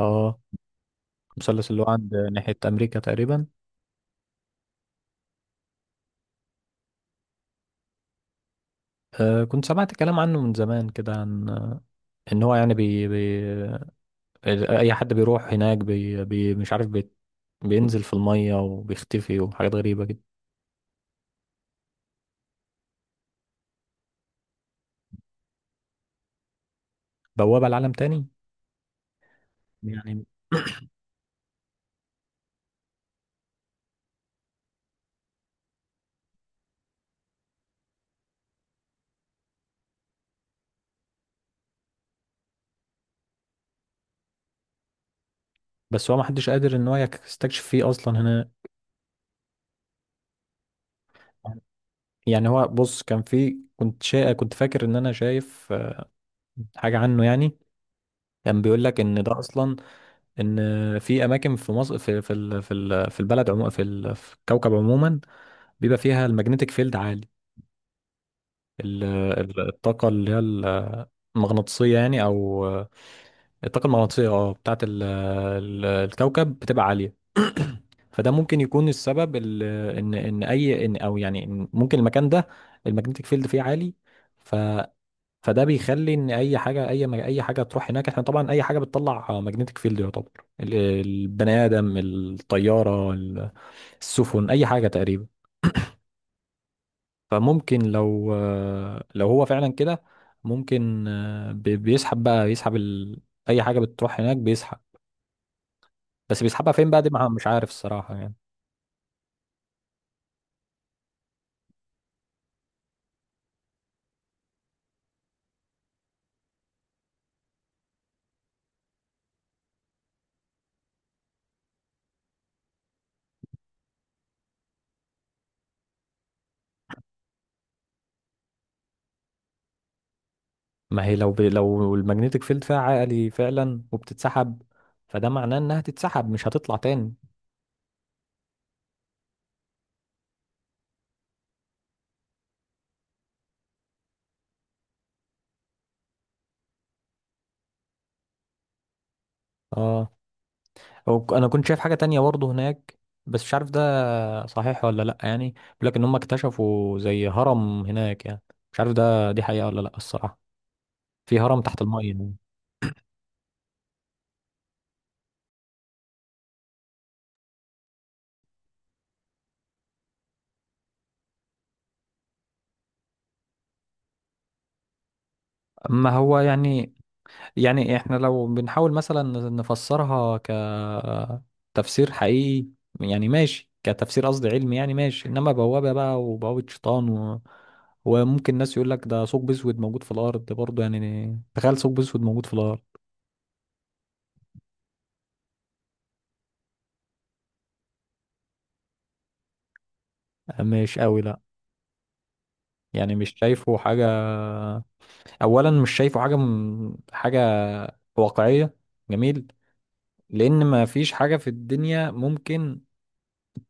اه. المثلث اللي هو عند ناحية أمريكا تقريبا. كنت سمعت كلام عنه من زمان كده عن إن هو يعني بي بي أي حد بيروح هناك، بي بي مش عارف، بينزل في المية وبيختفي وحاجات غريبة كده. بوابة لعالم تاني يعني. بس هو محدش قادر إن هو يستكشف فيه أصلا هنا. يعني هو بص كان في كنت فاكر إن أنا شايف حاجة عنه يعني. كان بيقول لك إن ده أصلا ان في اماكن في مصر في البلد عموما، في الكوكب عموما بيبقى فيها الماجنتيك فيلد عالي. الطاقه اللي هي المغناطيسيه يعني، او الطاقه المغناطيسيه، بتاعت الكوكب بتبقى عاليه. فده ممكن يكون السبب ال- ان ان اي ان او يعني إن ممكن المكان ده الماجنتيك فيلد فيه عالي، فده بيخلي ان اي حاجه اي حاجه تروح هناك. احنا طبعا اي حاجه بتطلع ماجنتيك فيلد يعتبر البني ادم، الطياره، السفن، اي حاجه تقريبا. فممكن لو لو هو فعلا كده ممكن بيسحب بقى، بيسحب اي حاجه بتروح هناك بيسحب. بس بيسحبها فين بقى دي مش عارف الصراحه يعني. ما هي لو لو الماجنتيك فيلد فيها عالي فعلا وبتتسحب، فده معناه انها تتسحب، مش هتطلع تاني. اه. انا كنت شايف حاجه تانية برضه هناك، بس مش عارف ده صحيح ولا لا. يعني بيقول لك ان هم اكتشفوا زي هرم هناك يعني، مش عارف ده دي حقيقة ولا لا الصراحة، في هرم تحت المية يعني. ما هو يعني، يعني احنا لو بنحاول مثلا نفسرها كتفسير حقيقي، يعني ماشي، كتفسير قصدي علمي، يعني ماشي. انما بوابة بقى، وبوابة شيطان وممكن ناس يقول لك ده ثقب اسود موجود في الارض برضه. يعني تخيل ثقب اسود موجود في الارض. مش قوي لا. يعني مش شايفه حاجة. اولا مش شايفه حاجه حاجه واقعية. جميل. لأن ما فيش حاجة في الدنيا ممكن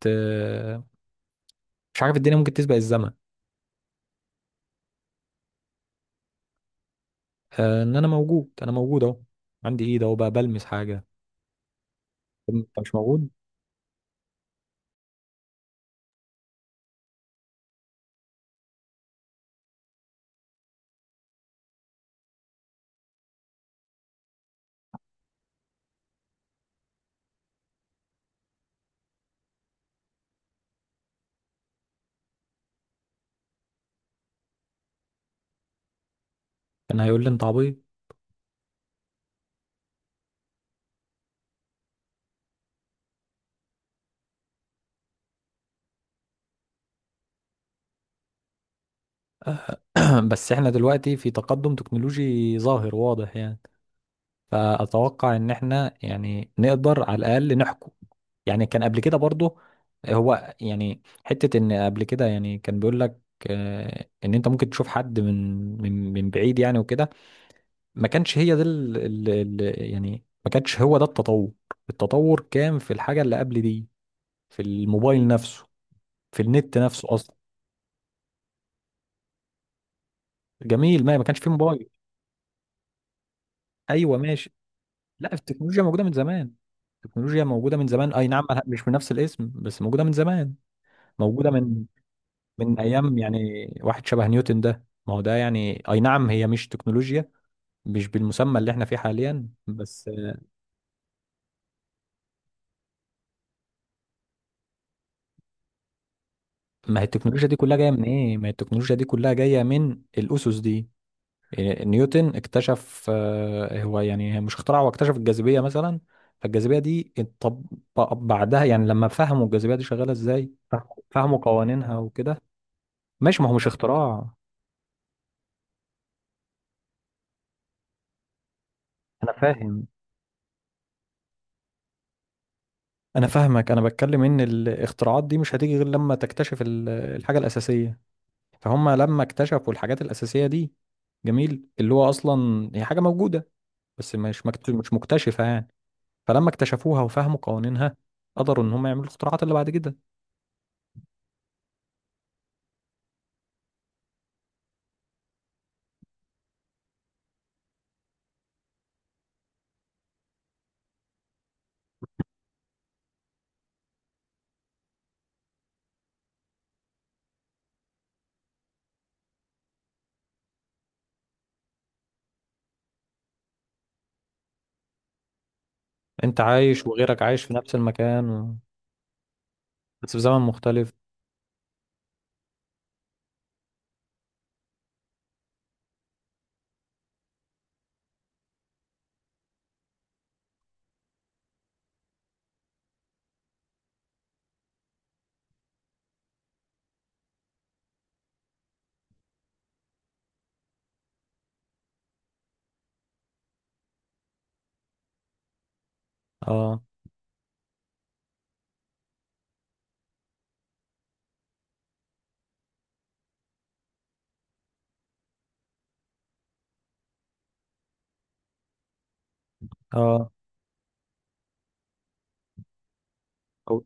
ت... مش حاجة في الدنيا ممكن تسبق الزمن. إن أنا موجود، أنا موجود أهو، عندي إيد أهو بقى بلمس حاجة. طب أنت مش موجود؟ كان هيقول لي أنت عبيط. بس إحنا دلوقتي في تقدم تكنولوجي ظاهر واضح يعني. فأتوقع إن إحنا يعني نقدر على الأقل نحكم. يعني كان قبل كده برضه، هو يعني حتة إن قبل كده يعني كان بيقول لك إن أنت ممكن تشوف حد من بعيد يعني وكده. ما كانش هي ده يعني ما كانش هو ده التطور. التطور كان في الحاجة اللي قبل دي، في الموبايل نفسه، في النت نفسه أصلا. جميل. ما كانش فيه موبايل. أيوه، ماشي. لا، التكنولوجيا موجودة من زمان. التكنولوجيا موجودة من زمان، أي نعم، مش بنفس الاسم، بس موجودة من زمان. موجودة من من أيام يعني، واحد شبه نيوتن ده، ما هو ده يعني، أي نعم هي مش تكنولوجيا، مش بالمسمى اللي احنا فيه حاليا بس. ما هي التكنولوجيا دي كلها جاية من إيه؟ ما هي التكنولوجيا دي كلها جاية من الأسس دي. إيه، نيوتن اكتشف، هو يعني مش اخترع، هو اكتشف الجاذبية مثلا. فالجاذبية دي اتطبق بعدها، يعني لما فهموا الجاذبية دي شغالة ازاي، فهموا قوانينها وكده. ماشي، ما هو مش اختراع. انا فاهم. انا فاهمك، انا بتكلم ان الاختراعات دي مش هتيجي غير لما تكتشف الحاجة الأساسية. فهم لما اكتشفوا الحاجات الأساسية دي، جميل، اللي هو اصلا هي حاجة موجودة بس مش مكتشفة يعني. فلما اكتشفوها وفهموا قوانينها، قدروا ان هم يعملوا الاختراعات اللي بعد كده. انت عايش، وغيرك عايش في نفس المكان بس في زمن مختلف. اه. اه. أو-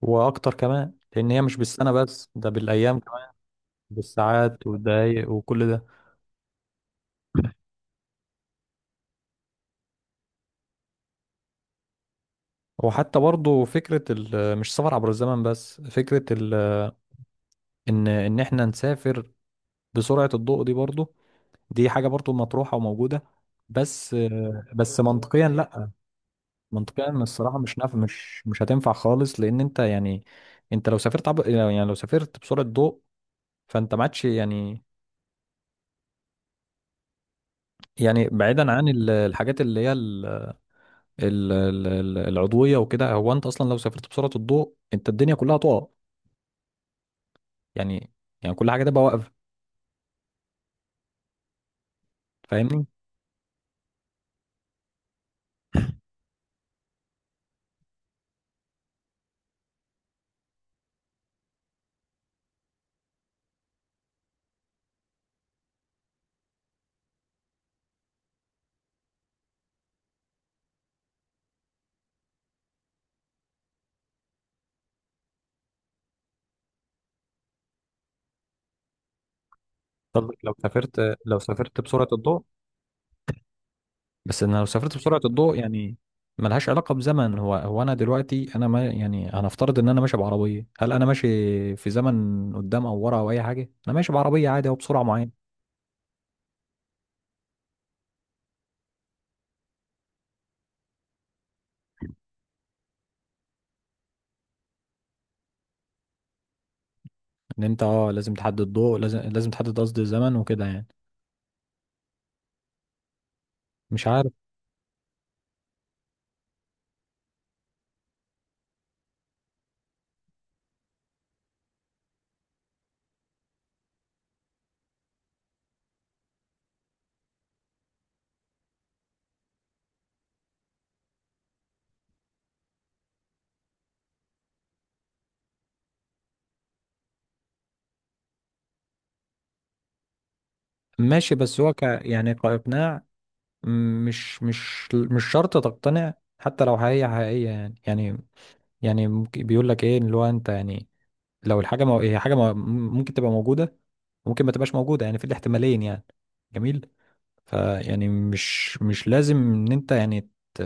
واكتر كمان، لان هي مش بالسنه بس، ده بالايام كمان، بالساعات والدقايق وكل ده. وحتى برضو فكره مش سفر عبر الزمن بس، فكره ان احنا نسافر بسرعه الضوء دي برضو، دي حاجه برضو مطروحه وموجوده. بس بس منطقيا لا. منطقيا الصراحه مش نافع، مش هتنفع خالص، لان انت يعني، انت لو يعني لو سافرت بسرعه ضوء، فانت ما عادش يعني. يعني بعيدا عن الحاجات اللي هي العضويه وكده، هو انت اصلا لو سافرت بسرعه الضوء انت الدنيا كلها تقع، يعني، يعني كل حاجه تبقى واقفه، فاهمني. قصدك لو لو سافرت بسرعه الضوء. بس انا لو سافرت بسرعه الضوء يعني ملهاش علاقه بزمن. هو انا دلوقتي انا ما يعني هنفترض ان انا ماشي بعربيه، هل انا ماشي في زمن قدام او ورا او اي حاجه؟ انا ماشي بعربيه عادي او بسرعه معينه. ان انت لازم تحدد ضوء، لازم تحدد قصدي الزمن وكده يعني. مش عارف. ماشي، بس هو يعني كإقناع، مش شرط تقتنع. حتى لو حقيقية، حقيقية، يعني يعني بيقول لك ايه، اللي هو انت يعني، لو الحاجة هي حاجة ممكن تبقى موجودة، ممكن ما تبقاش موجودة، يعني في الاحتمالين يعني. جميل. فيعني مش لازم ان انت يعني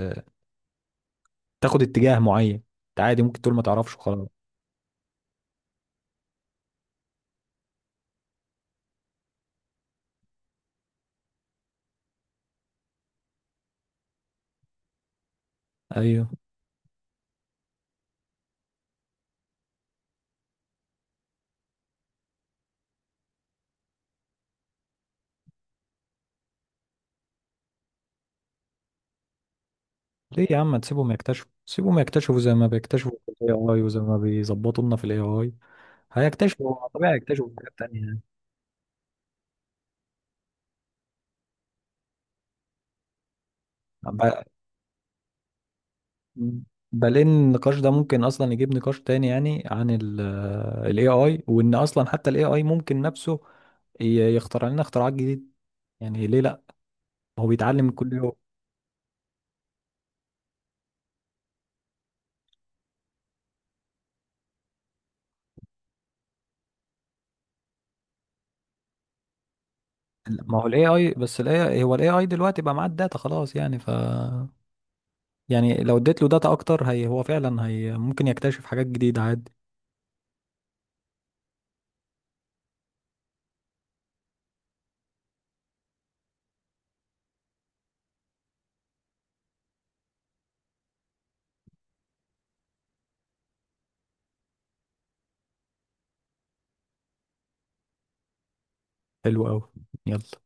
تاخد اتجاه معين. انت عادي ممكن تقول ما تعرفش وخلاص. ايوه. ليه يا عم ما تسيبهم يكتشفوا، سيبهم يكتشفوا زي ما بيكتشفوا في الاي اي، وزي ما بيظبطوا لنا في الاي اي. هيكتشفوا، طبيعي يكتشفوا حاجات تانية. ب- بلين النقاش ده ممكن اصلا يجيب نقاش تاني يعني، عن ال AI، وان اصلا حتى ال AI ممكن نفسه يخترع لنا اختراعات جديدة. يعني ليه لا؟ هو بيتعلم كل يوم. ما هو ال AI، بس ال AI هو ال AI دلوقتي بقى معاه الداتا خلاص يعني، ف يعني لو اديت له داتا اكتر، هو فعلا ممكن يكتشف حاجات جديدة عادي. حلو قوي. يلا.